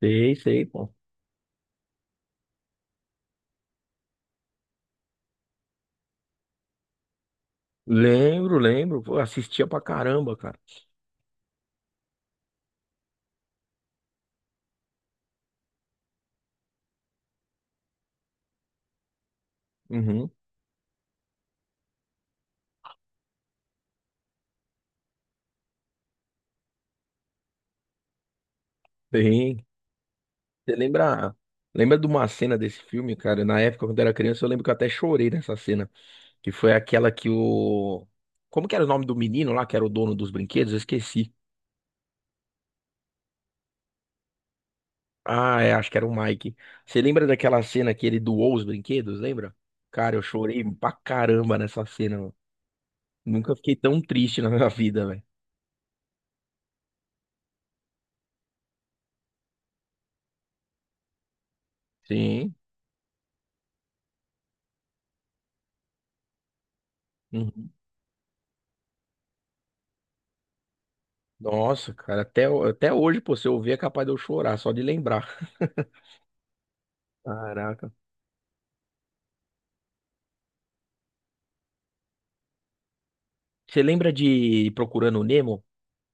Sei, sei, pô. Lembro, lembro. Pô, assistia pra caramba, cara. Uhum, bem. Você lembra, lembra de uma cena desse filme, cara? Na época, quando eu era criança, eu lembro que eu até chorei nessa cena. Que foi aquela que o. Como que era o nome do menino lá, que era o dono dos brinquedos? Eu esqueci. Ah, é, acho que era o Mike. Você lembra daquela cena que ele doou os brinquedos, lembra? Cara, eu chorei pra caramba nessa cena, mano. Nunca fiquei tão triste na minha vida, velho. Sim. Uhum. Nossa, cara, até, até hoje, pô, se eu ver é capaz de eu chorar, só de lembrar. Caraca. Você lembra de Procurando o Nemo?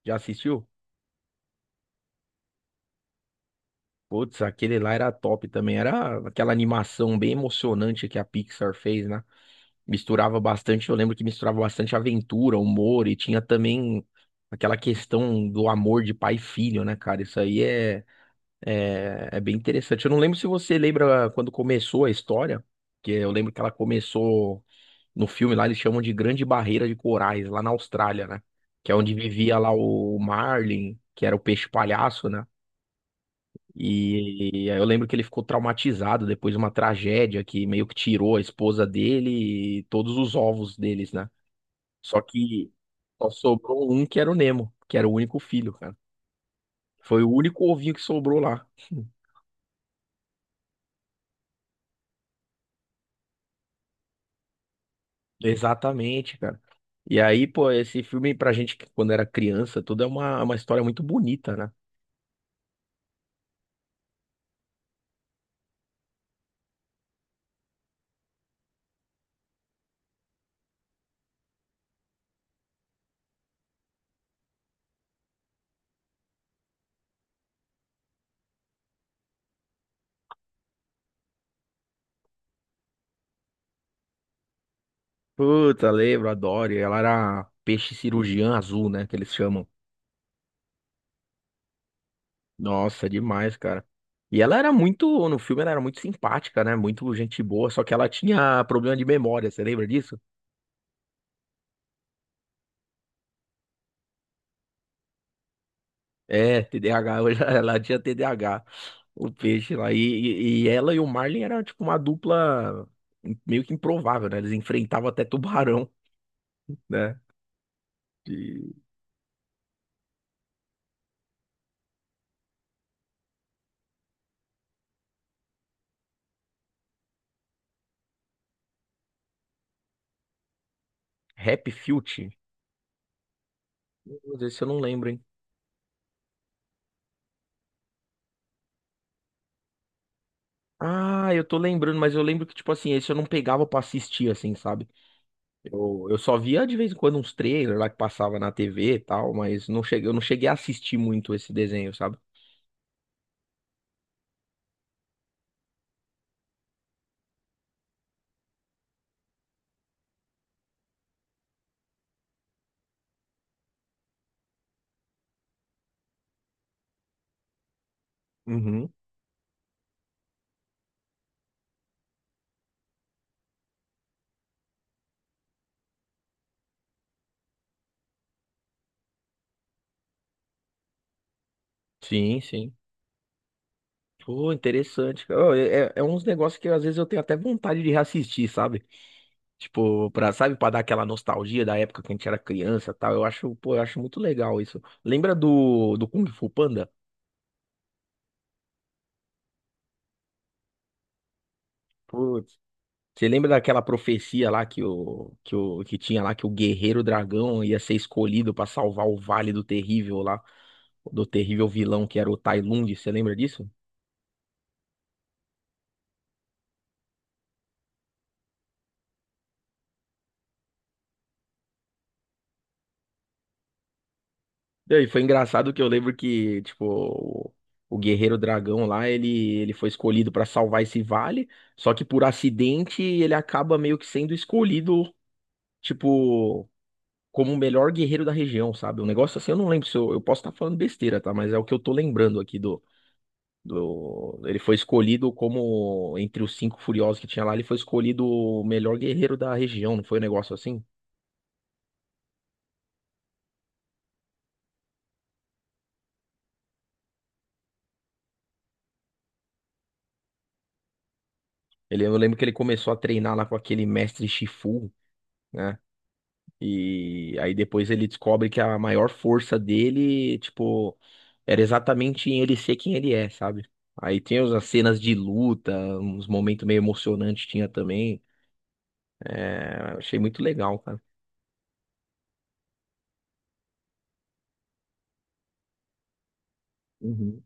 Já assistiu? Putz, aquele lá era top também. Era aquela animação bem emocionante que a Pixar fez, né? Misturava bastante, eu lembro que misturava bastante aventura, humor e tinha também aquela questão do amor de pai e filho, né, cara? Isso aí é. É bem interessante. Eu não lembro se você lembra quando começou a história, que eu lembro que ela começou no filme lá, eles chamam de Grande Barreira de Corais, lá na Austrália, né? Que é onde vivia lá o Marlin, que era o peixe palhaço, né? E, aí eu lembro que ele ficou traumatizado depois de uma tragédia que meio que tirou a esposa dele e todos os ovos deles, né? Só que só sobrou um que era o Nemo, que era o único filho, cara. Foi o único ovinho que sobrou lá. Exatamente, cara. E aí, pô, esse filme pra gente que quando era criança, tudo é uma história muito bonita, né? Puta, lembro, adoro. E ela era peixe cirurgiã azul, né? Que eles chamam. Nossa, demais, cara. E ela era muito, no filme ela era muito simpática, né? Muito gente boa, só que ela tinha problema de memória, você lembra disso? É, TDAH, hoje ela tinha TDAH, o peixe lá. E ela e o Marlin eram tipo uma dupla meio que improvável, né? Eles enfrentavam até tubarão, né? De Rap Filt. Meu Deus, esse eu não lembro, hein? Ah, eu tô lembrando, mas eu lembro que, tipo assim, esse eu não pegava pra assistir, assim, sabe? Eu só via de vez em quando uns trailers lá que passava na TV e tal, mas não cheguei, eu não cheguei a assistir muito esse desenho, sabe? Uhum. Sim, sim. Pô, interessante, cara. Ô, é uns negócios que às vezes eu tenho até vontade de reassistir, sabe? Tipo, pra, sabe, pra dar aquela nostalgia da época que a gente era criança e tal. Eu acho, pô, eu acho muito legal isso. Lembra do, do Kung Fu Panda? Putz, você lembra daquela profecia lá que o, que o que tinha lá que o guerreiro dragão ia ser escolhido pra salvar o Vale do Terrível lá, do terrível vilão que era o Tai Lung, você lembra disso? E aí, foi engraçado que eu lembro que, tipo, o guerreiro dragão lá, ele foi escolhido pra salvar esse vale, só que por acidente ele acaba meio que sendo escolhido, tipo, como o melhor guerreiro da região, sabe? Um negócio assim, eu não lembro se eu posso estar falando besteira, tá? Mas é o que eu tô lembrando aqui ele foi escolhido como, entre os cinco furiosos que tinha lá, ele foi escolhido o melhor guerreiro da região, não foi um negócio assim? Eu lembro que ele começou a treinar lá com aquele mestre Shifu, né? E aí depois ele descobre que a maior força dele, tipo, era exatamente em ele ser quem ele é, sabe? Aí tem as cenas de luta, uns momentos meio emocionantes tinha também. É, achei muito legal, cara. Uhum.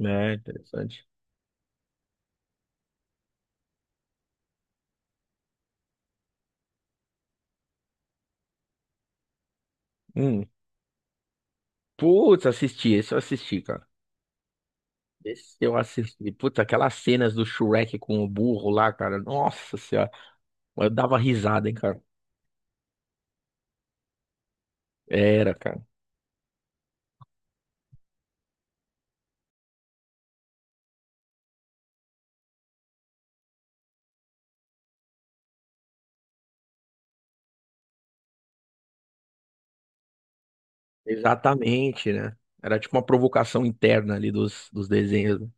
É, interessante. Hum. Putz, assisti, esse eu assisti, cara. Esse eu assisti. Puta, aquelas cenas do Shrek com o burro lá, cara. Nossa senhora. Eu dava risada, hein, cara. Era, cara. Exatamente, né? Era tipo uma provocação interna ali dos, dos desenhos, né?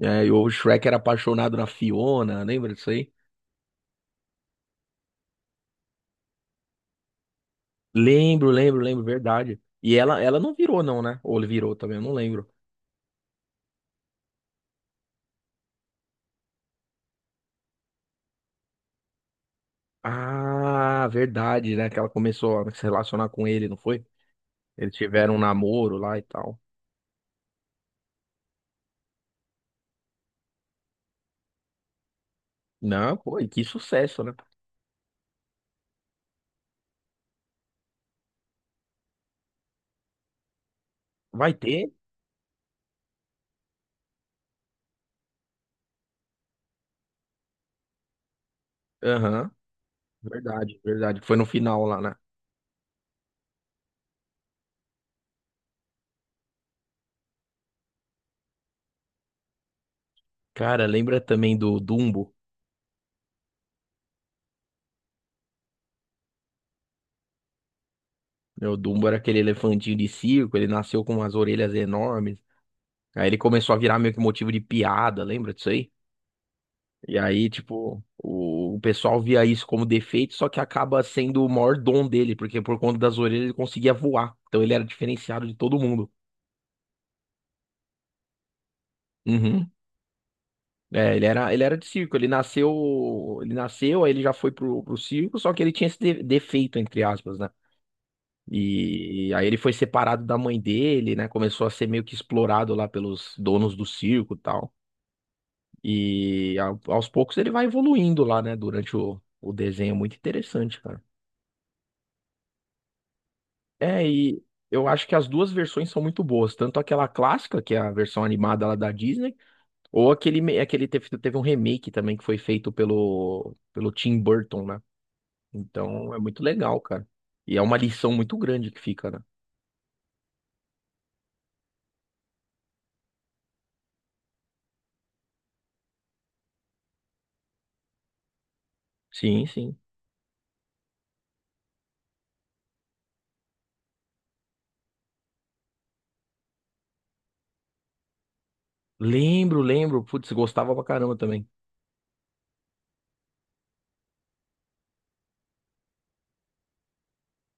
É, e o Shrek era apaixonado na Fiona, lembra disso aí? Lembro, lembro, lembro, verdade. E ela não virou, não, né? Ou ele virou também, eu não lembro. Ah, verdade, né? Que ela começou a se relacionar com ele, não foi? Eles tiveram um namoro lá e tal. Não, pô, e que sucesso, né? Vai ter? Aham. Verdade, verdade. Foi no final lá, né? Cara, lembra também do Dumbo? Meu, o Dumbo era aquele elefantinho de circo, ele nasceu com umas orelhas enormes. Aí ele começou a virar meio que motivo de piada, lembra disso aí? E aí, tipo, o pessoal via isso como defeito, só que acaba sendo o maior dom dele, porque por conta das orelhas ele conseguia voar. Então ele era diferenciado de todo mundo. Uhum. É, ele era de circo, ele nasceu, aí ele já foi pro, pro circo, só que ele tinha esse defeito, entre aspas, né? E aí ele foi separado da mãe dele, né? Começou a ser meio que explorado lá pelos donos do circo e tal. E aos poucos ele vai evoluindo lá, né? Durante o desenho. É muito interessante, cara. É, e eu acho que as duas versões são muito boas. Tanto aquela clássica, que é a versão animada lá da Disney, ou aquele, aquele teve, teve um remake também que foi feito pelo, pelo Tim Burton, né? Então é muito legal, cara. E é uma lição muito grande que fica, né? Sim, sim. Lembro, lembro. Putz, gostava pra caramba também.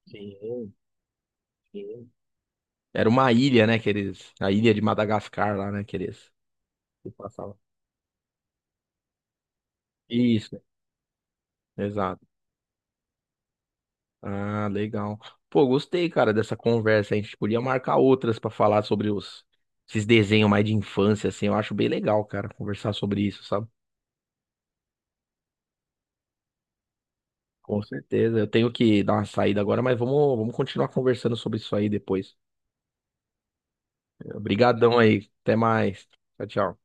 Sim, sim. Era uma ilha, né, que eles. A ilha de Madagascar lá, né, que eles que passavam. Isso, exato. Ah, legal. Pô, gostei, cara, dessa conversa. A gente podia marcar outras pra falar sobre os. Esses desenhos mais de infância, assim. Eu acho bem legal, cara, conversar sobre isso, sabe? Com certeza. Eu tenho que dar uma saída agora, mas vamos continuar conversando sobre isso aí depois. Obrigadão aí. Até mais. Tchau, tchau.